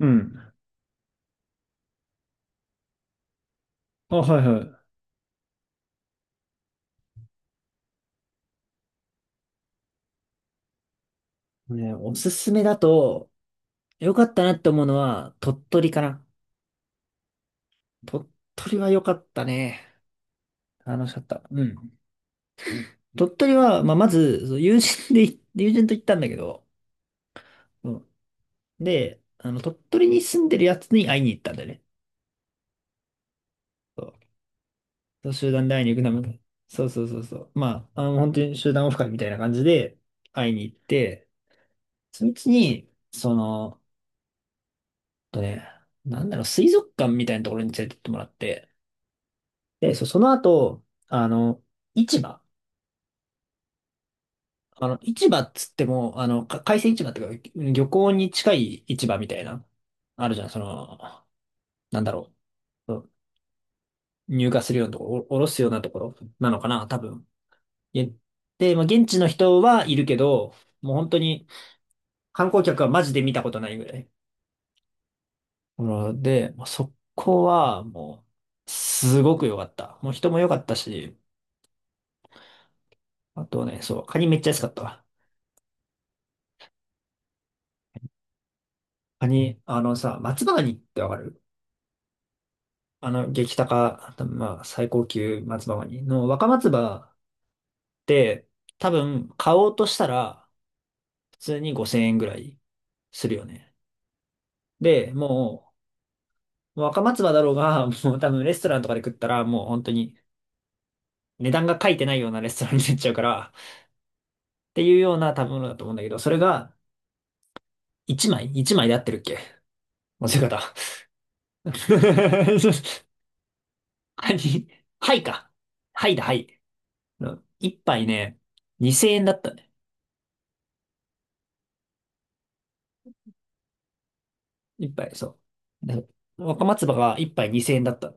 うん。あ、はいはい。ね、おすすめだと、良かったなって思うのは、鳥取かな。鳥取は良かったね。楽しかった。うん。鳥取は、まあ、まず、そう友人と行ったんだけど、うん。で、鳥取に住んでるやつに会いに行ったんだよね。そう。そう集団で会いに行くために。そうそうそうそう。まあ、本当に集団オフ会みたいな感じで会いに行って、そのうちに、えっとね、なんだろう、水族館みたいなところに連れてってもらって、で、その後、市場。市場っつっても、海鮮市場っていうか、漁港に近い市場みたいな、あるじゃん、なんだろう。そう入荷するようなところ、おろすようなところなのかな、多分。えで、まあ、現地の人はいるけど、もう本当に観光客はマジで見たことないぐらい。うんで、まあそこはもう、すごく良かった。もう人も良かったし、あとね、そう、カニめっちゃ安かったわ。カニ、あのさ、松葉ガニってわかる？激高、多分まあ、最高級松葉ガニの若松葉って、多分買おうとしたら、普通に5000円ぐらいするよね。で、もう、若松葉だろうが、もう多分レストランとかで食ったら、もう本当に値段が書いてないようなレストランになっちゃうから、っていうような食べ物だと思うんだけど、それが1枚 ?1 枚で合ってるっけ？間違えた。はい、はいか。はいだ、はい。1杯ね、2000円だったね。一杯、そう。で、若松葉が一杯2000円だった。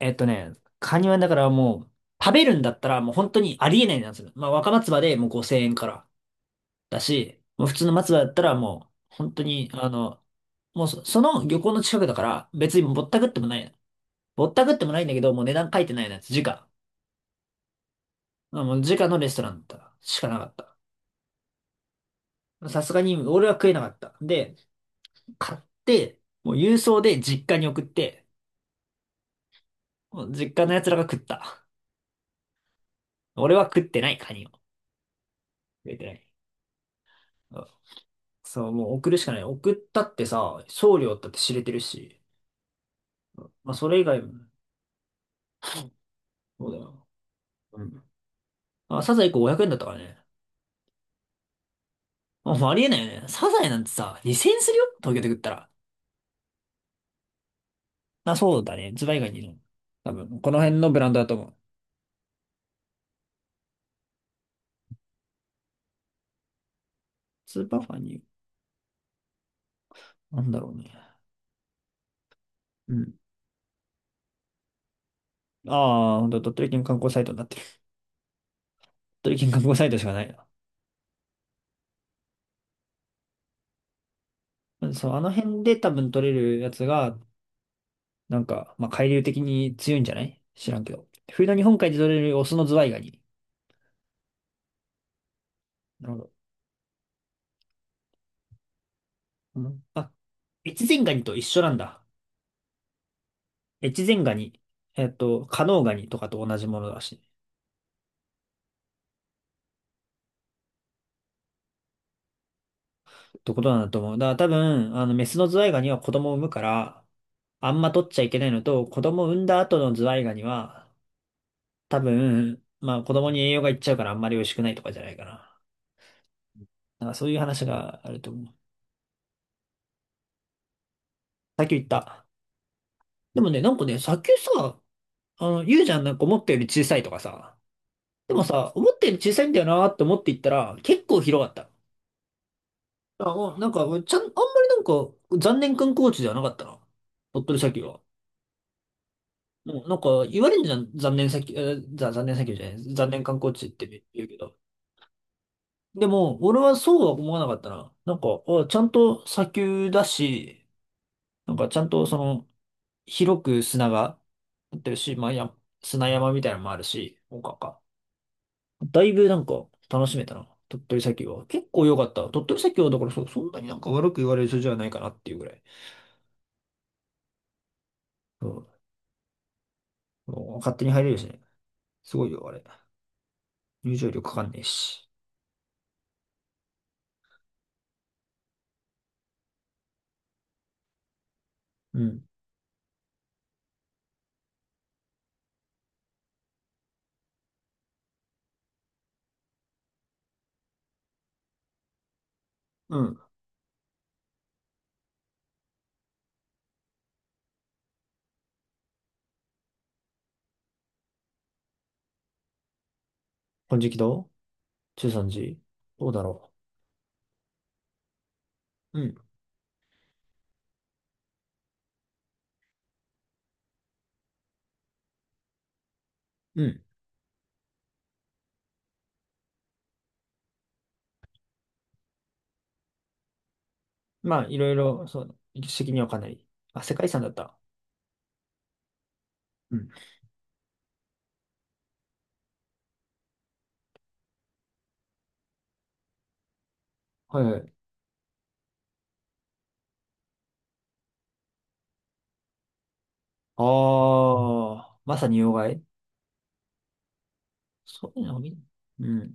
えっとね、カニはだからもう、食べるんだったらもう本当にありえないなんですよ。まあ若松葉でもう5000円からだし、もう普通の松葉だったらもう、本当に、もうその漁港の近くだから別にぼったくってもない。ぼったくってもないんだけど、もう値段書いてないやつ、時価。まあもう時価のレストランだったしかなかった。さすがに俺は食えなかった。で、買って、もう郵送で実家に送って、もう実家の奴らが食った。俺は食ってない、カニを。食えてない。うんそう、もう送るしかない。送ったってさ、送料だって知れてるし。まあ、それ以外も、そうだよ。うん。あ、サザエ1個500円だったからね。まあ、もうありえないよね。サザエなんてさ、2000円するよ東京で食ったら。まあ、そうだね。ズバ以外にいるの？多分、この辺のブランドだと思う。スーパーファニー。なんだろうね。うん。ああ、ほんと、鳥取県観光サイトになってる。鳥取県観光サイトしかないな。そう、あの辺で多分取れるやつがなんか、まあ、海流的に強いんじゃない？知らんけど。冬の日本海で取れるオスのズワイガニ。なるほど。うんあ、越前ガニと一緒なんだ。越前ガニ。加能ガニとかと同じものだし。ってことなんだと思う。だから多分、メスのズワイガニは子供を産むから、あんま取っちゃいけないのと、子供を産んだ後のズワイガニは、多分、まあ子供に栄養がいっちゃうからあんまり美味しくないとかじゃないかな。なんかそういう話があると思う。さっき言った。でもね、なんかね、さっきさ、言うじゃん、なんか思ったより小さいとかさ。でもさ、思ったより小さいんだよなーって思っていったら、結構広かった。あ、おなんか、ちゃん、あんまりなんか、残念観光地ではなかったな。鳥取砂丘は。もうなんか、言われるじゃん、残念砂丘、えーざ、残念砂丘じゃない、残念観光地って言うけど。でも、俺はそうは思わなかったな。なんか、あ、ちゃんと砂丘だし、なんかちゃんと広く砂が、ってるし、まあ、砂山みたいなのもあるし、なんか。だいぶなんか楽しめたな。鳥取砂丘は。結構良かった。鳥取砂丘はだからそんなになんか悪く言われる人じゃないかなっていうぐらい。うん。もう勝手に入れるしね。すごいよ、あれ。入場料かかんねえし。うん。うん。金色堂、中山寺どうだろう。うん。うん。まあ、いろいろ、そうね、歴史的にはかなり。あ、世界遺産だった。うん。はいはい。ああ、まさに要害。そういうのを見、うん。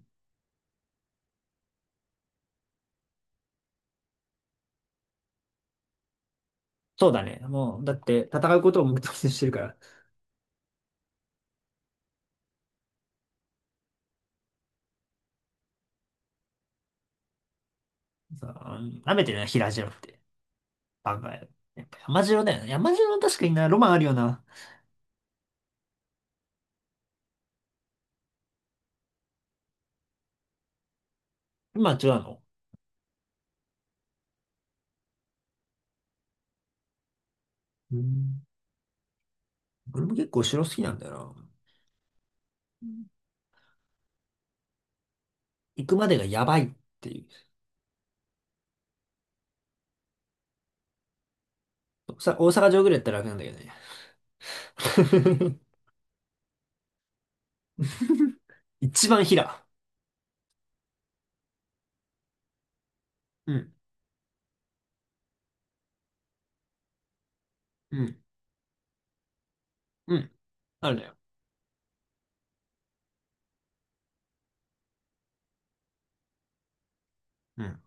そうだね。もう、だって、戦うことを目的としてるから。さあ、舐めてるな、平地のって。あ、まあ、やっぱ山城だよな。山城は確かにな、ロマンあるよな。今は違うの？うん。俺も結構城好きなんだよな。うん、行くまでがやばいっていう。大阪城ぐらいやったら楽なんだけどね。一番平。うん。うん。うん。あるのよ。うん。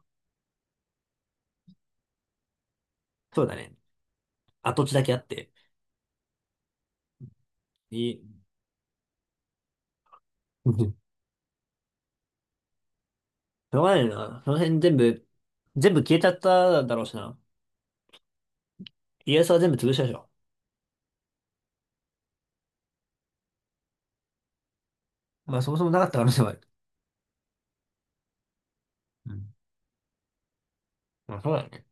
そうだね。跡地だけあって。いい。うん、しょうがないな。その辺全部、全部消えちゃっただろうしな。家康は全部潰したでしょ。まあそもそもなかった可能性もある。うん。まあそうだね。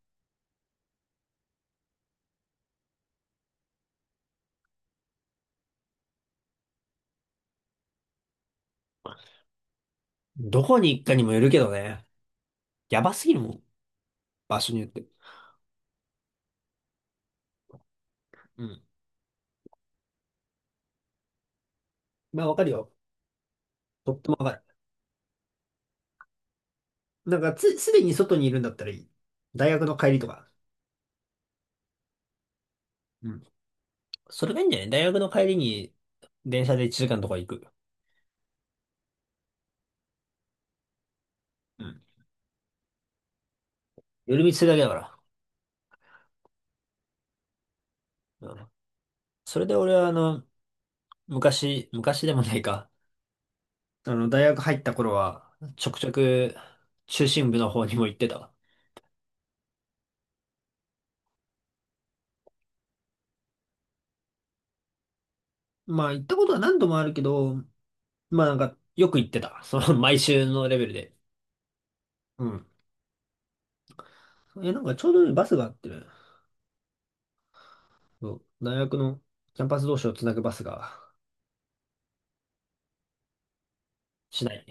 どこに行くかにもよるけどね。やばすぎるもん。場所によって。うん。まあ、わかるよ。とってもわかる。なんかすでに外にいるんだったらいい。大学の帰りとか。うん。それがいいんじゃない？大学の帰りに電車で1時間とか行く。うん。夜道するだけだから。うん。それで俺は昔、昔でもないか。大学入った頃は、ちょくちょく中心部の方にも行ってたわ。まあ、行ったことは何度もあるけど、まあなんか、よく行ってた。毎週のレベルで。うん。なんかちょうどいいバスがあってね。そう、大学のキャンパス同士をつなぐバスがしない。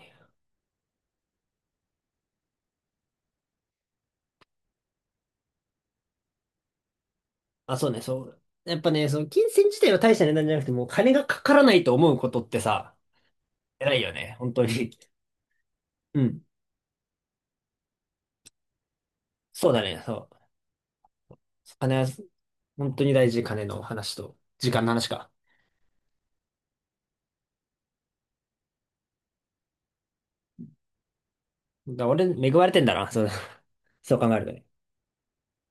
あ、そうね、そう。やっぱね、その金銭自体は大した値段じゃなくて、もう金がかからないと思うことってさ、偉いよね、本当に。うん。そうだね、そう。金は、本当に大事、金の話と、時間の話か。だから俺、恵まれてんだな、そう、そう考えるとね。